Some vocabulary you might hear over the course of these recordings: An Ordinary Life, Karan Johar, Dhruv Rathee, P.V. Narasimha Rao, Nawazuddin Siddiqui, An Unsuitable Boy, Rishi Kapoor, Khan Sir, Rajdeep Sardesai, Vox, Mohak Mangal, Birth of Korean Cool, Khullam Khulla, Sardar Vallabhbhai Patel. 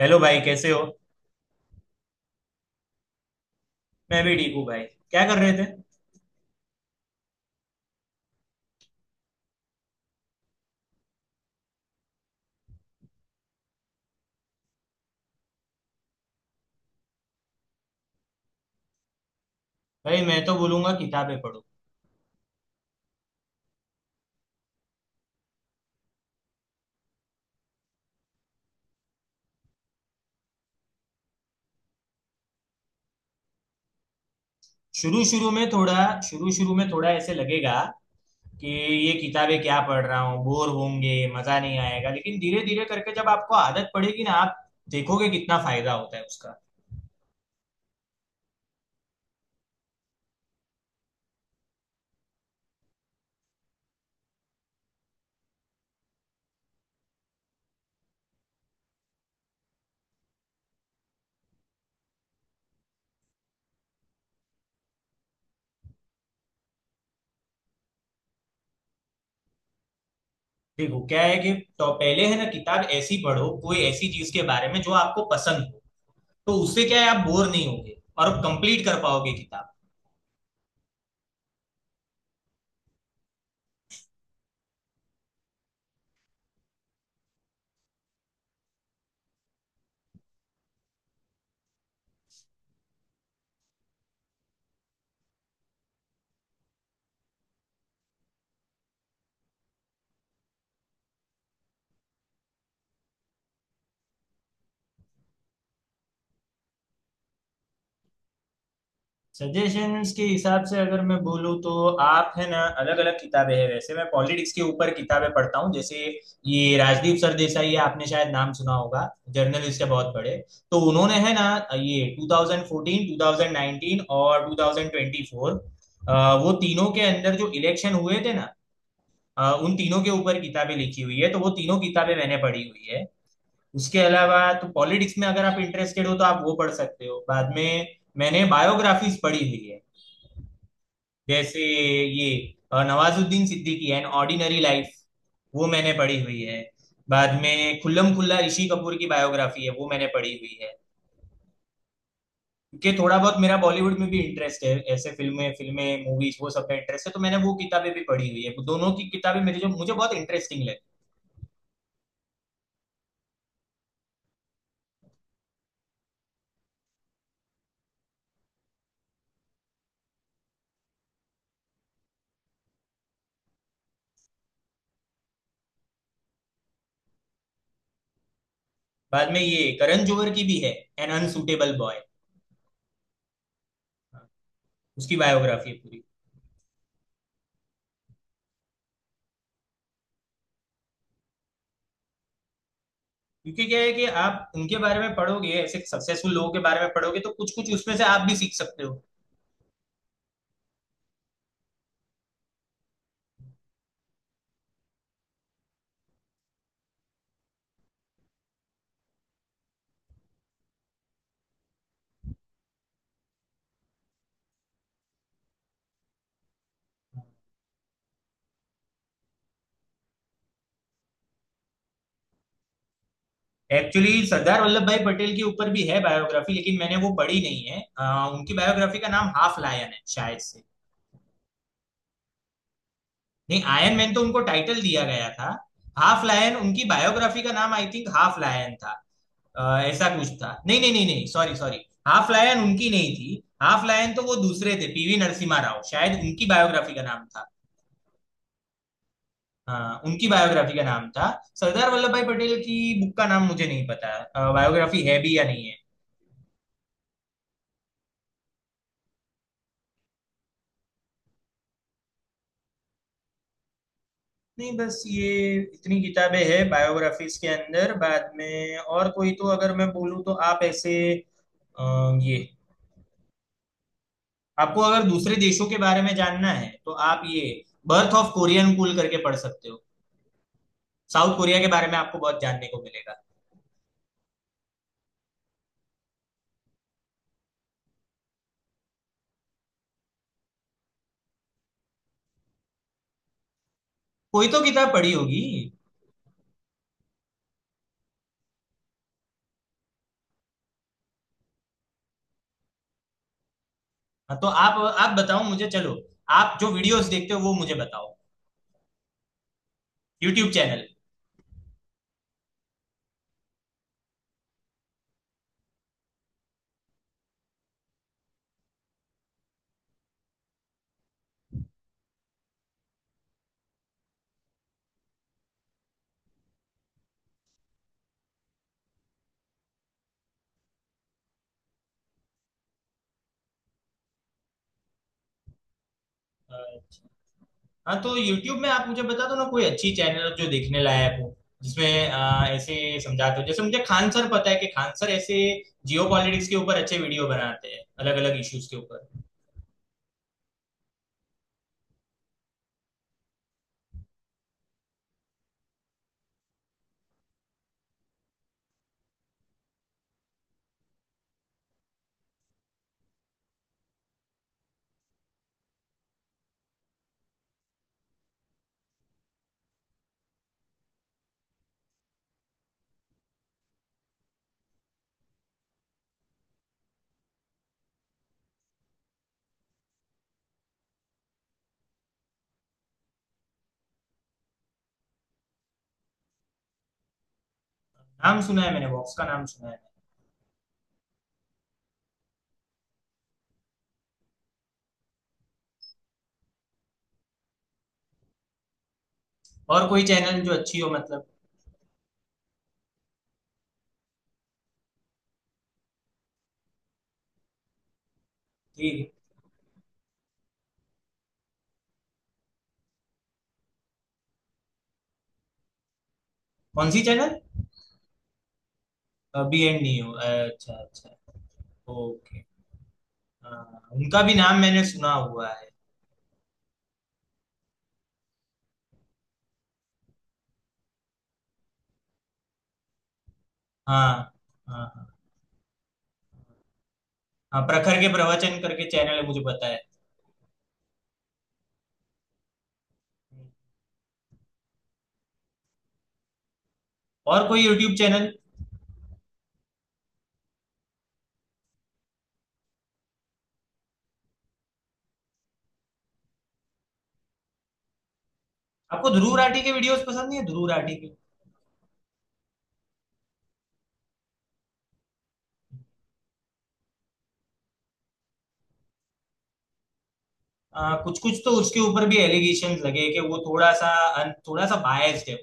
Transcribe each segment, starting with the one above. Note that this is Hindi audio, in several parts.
हेलो भाई कैसे हो। मैं भी ठीक हूँ भाई। क्या कर रहे थे? भाई मैं तो बोलूंगा किताबें पढ़ो। शुरू शुरू में थोड़ा शुरू शुरू में थोड़ा ऐसे लगेगा कि ये किताबें क्या पढ़ रहा हूँ, बोर होंगे मजा नहीं आएगा, लेकिन धीरे धीरे करके जब आपको आदत पड़ेगी ना, आप देखोगे कितना फायदा होता है उसका। देखो क्या है कि, तो पहले है ना किताब ऐसी पढ़ो कोई ऐसी चीज के बारे में जो आपको पसंद हो, तो उससे क्या है, आप बोर नहीं होगे और कंप्लीट कर पाओगे किताब। सजेशंस के हिसाब से अगर मैं बोलूँ तो, आप है ना अलग अलग किताबें हैं। वैसे मैं पॉलिटिक्स के ऊपर किताबें पढ़ता हूँ। जैसे ये राजदीप सरदेसाई है, आपने शायद नाम सुना होगा, जर्नलिस्ट है बहुत बड़े। तो उन्होंने है ना ये 2014, 2019 और 2024, वो तीनों के अंदर जो इलेक्शन हुए थे ना, उन तीनों के ऊपर किताबें लिखी हुई है, तो वो तीनों किताबें मैंने पढ़ी हुई है। उसके अलावा तो पॉलिटिक्स में अगर आप इंटरेस्टेड हो तो आप वो पढ़ सकते हो। बाद में मैंने बायोग्राफीज पढ़ी हुई है। जैसे ये Nawazuddin Siddiqui An Ordinary Life, वो मैंने पढ़ी हुई है। बाद में खुल्लम खुल्ला ऋषि कपूर की बायोग्राफी है, वो मैंने पढ़ी हुई है। क्योंकि थोड़ा बहुत मेरा बॉलीवुड में भी इंटरेस्ट है, ऐसे फिल्में फिल्में मूवीज वो सब में इंटरेस्ट है, तो मैंने वो किताबें भी पढ़ी हुई है। दोनों की किताबें मेरे, जो मुझे बहुत इंटरेस्टिंग लगी। बाद में ये करण जोहर की भी है, एन अनसुटेबल बॉय, उसकी बायोग्राफी है पूरी। क्योंकि क्या है कि आप उनके बारे में पढ़ोगे, ऐसे सक्सेसफुल लोगों के बारे में पढ़ोगे, तो कुछ कुछ उसमें से आप भी सीख सकते हो। एक्चुअली सरदार वल्लभ भाई पटेल के ऊपर भी है बायोग्राफी, लेकिन मैंने वो पढ़ी नहीं है। उनकी बायोग्राफी का नाम हाफ लायन है शायद से। नहीं, आयरन मैन तो उनको टाइटल दिया गया था। हाफ लायन उनकी बायोग्राफी का नाम, आई थिंक हाफ लायन था। अ, ऐसा कुछ था, नहीं नहीं नहीं नहीं, सॉरी सॉरी। हाफ लायन उनकी नहीं थी, हाफ लायन तो वो दूसरे थे, पीवी नरसिम्हा राव, शायद उनकी बायोग्राफी का नाम था। हाँ, उनकी बायोग्राफी का नाम था। सरदार वल्लभ भाई पटेल की बुक का नाम मुझे नहीं पता, बायोग्राफी है भी या नहीं है। नहीं बस ये इतनी किताबें हैं बायोग्राफीज के अंदर। बाद में और कोई तो अगर मैं बोलूँ तो, आप ऐसे अ, ये आपको अगर दूसरे देशों के बारे में जानना है तो आप ये बर्थ ऑफ कोरियन कूल करके पढ़ सकते हो। साउथ कोरिया के बारे में आपको बहुत जानने को मिलेगा। कोई तो किताब पढ़ी होगी। हाँ, तो आप बताओ मुझे चलो। आप जो वीडियोस देखते हो वो मुझे बताओ, यूट्यूब चैनल। हाँ, तो YouTube में आप मुझे बता दो ना कोई अच्छी चैनल जो देखने लायक हो, जिसमें ऐसे समझाते हो, जैसे मुझे खान सर पता है कि खान सर ऐसे जियो पॉलिटिक्स के ऊपर अच्छे वीडियो बनाते हैं, अलग अलग इश्यूज के ऊपर। नाम सुना है, मैंने वॉक्स का नाम सुना है। और कोई चैनल जो अच्छी हो मतलब? ठीक है। कौन सी चैनल? बी एंड न्यू, अच्छा अच्छा, ओके। हाँ, उनका भी नाम मैंने सुना हुआ है। हाँ हाँ। हाँ, हाँ, प्रखर के प्रवचन करके चैनल है, मुझे पता है। और कोई यूट्यूब चैनल? आपको ध्रुव राठी के वीडियोस पसंद नहीं है, ध्रुव राठी के? कुछ कुछ तो उसके ऊपर भी एलिगेशन लगे कि वो थोड़ा सा, थोड़ा सा बायस्ड है।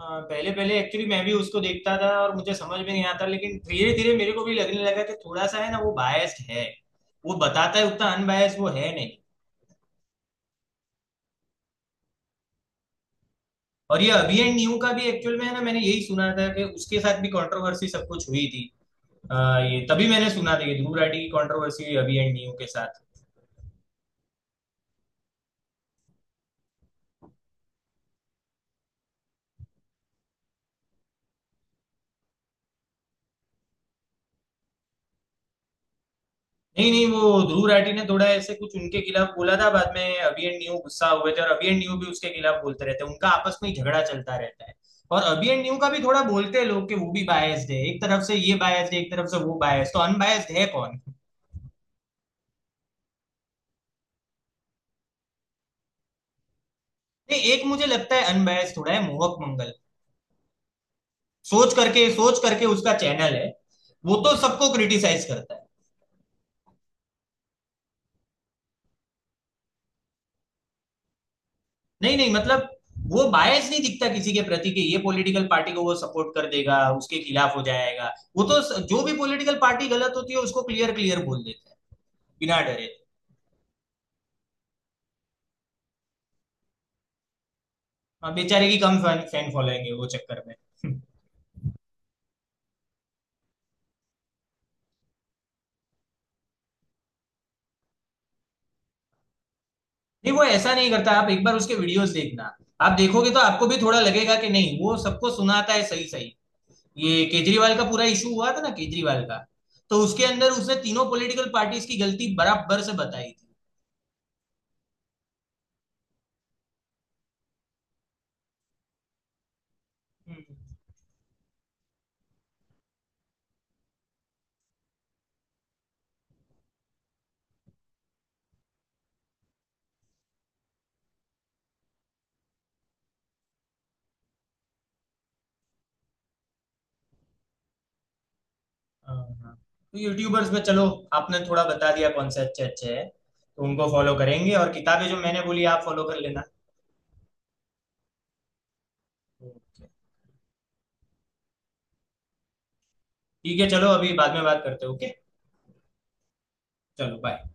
वो पहले पहले एक्चुअली मैं भी उसको देखता था और मुझे समझ में नहीं आता, लेकिन धीरे धीरे मेरे को भी लगने लगा कि थोड़ा सा है ना वो बायस्ड है, वो बताता है उतना अनबायस्ड वो है नहीं। और ये अभी एंड न्यू का भी एक्चुअल में है ना, मैंने यही सुना था कि उसके साथ भी कंट्रोवर्सी सब कुछ हुई थी। अ, ये तभी मैंने सुना था, ये ध्रुव राठी की कंट्रोवर्सी हुई अभी एंड न्यू के साथ। नहीं नहीं, वो ध्रुव राठी ने थोड़ा ऐसे कुछ उनके खिलाफ बोला था, बाद में अभी एंड न्यू गुस्सा हुए थे, और अभी एंड न्यू भी उसके खिलाफ बोलते रहते हैं, उनका आपस में ही झगड़ा चलता रहता है। और अभी एंड न्यू का भी थोड़ा बोलते हैं लोग कि वो भी बायस्ड है, एक तरफ से ये बायस्ड है एक तरफ से वो बायस्ड, तो अनबायस्ड है कौन? नहीं, एक मुझे लगता है अनबायस्ड थोड़ा है, मोहक मंगल। सोच करके उसका चैनल है, वो तो सबको क्रिटिसाइज करता है। नहीं नहीं मतलब, वो बायस नहीं दिखता किसी के प्रति कि ये पॉलिटिकल पार्टी को वो सपोर्ट कर देगा, उसके खिलाफ हो जाएगा। वो तो जो भी पॉलिटिकल पार्टी गलत होती है उसको क्लियर क्लियर बोल देता है, बिना डरे। हाँ, बेचारे की कम फैन फैन फॉलोइंग है, वो चक्कर में नहीं वो ऐसा नहीं करता, आप एक बार उसके वीडियोस देखना, आप देखोगे तो आपको भी थोड़ा लगेगा कि नहीं, वो सबको सुनाता है सही सही। ये केजरीवाल का पूरा इशू हुआ था ना, केजरीवाल का तो उसके अंदर उसने तीनों पॉलिटिकल पार्टीज की गलती बराबर से बताई थी। हम्म। हाँ। तो यूट्यूबर्स में चलो, आपने थोड़ा बता दिया कौन से अच्छे अच्छे हैं, तो उनको फॉलो करेंगे, और किताबें जो मैंने बोली आप फॉलो कर लेना। ओके। ठीक है चलो, अभी बाद में बात करते हैं। ओके। चलो बाय।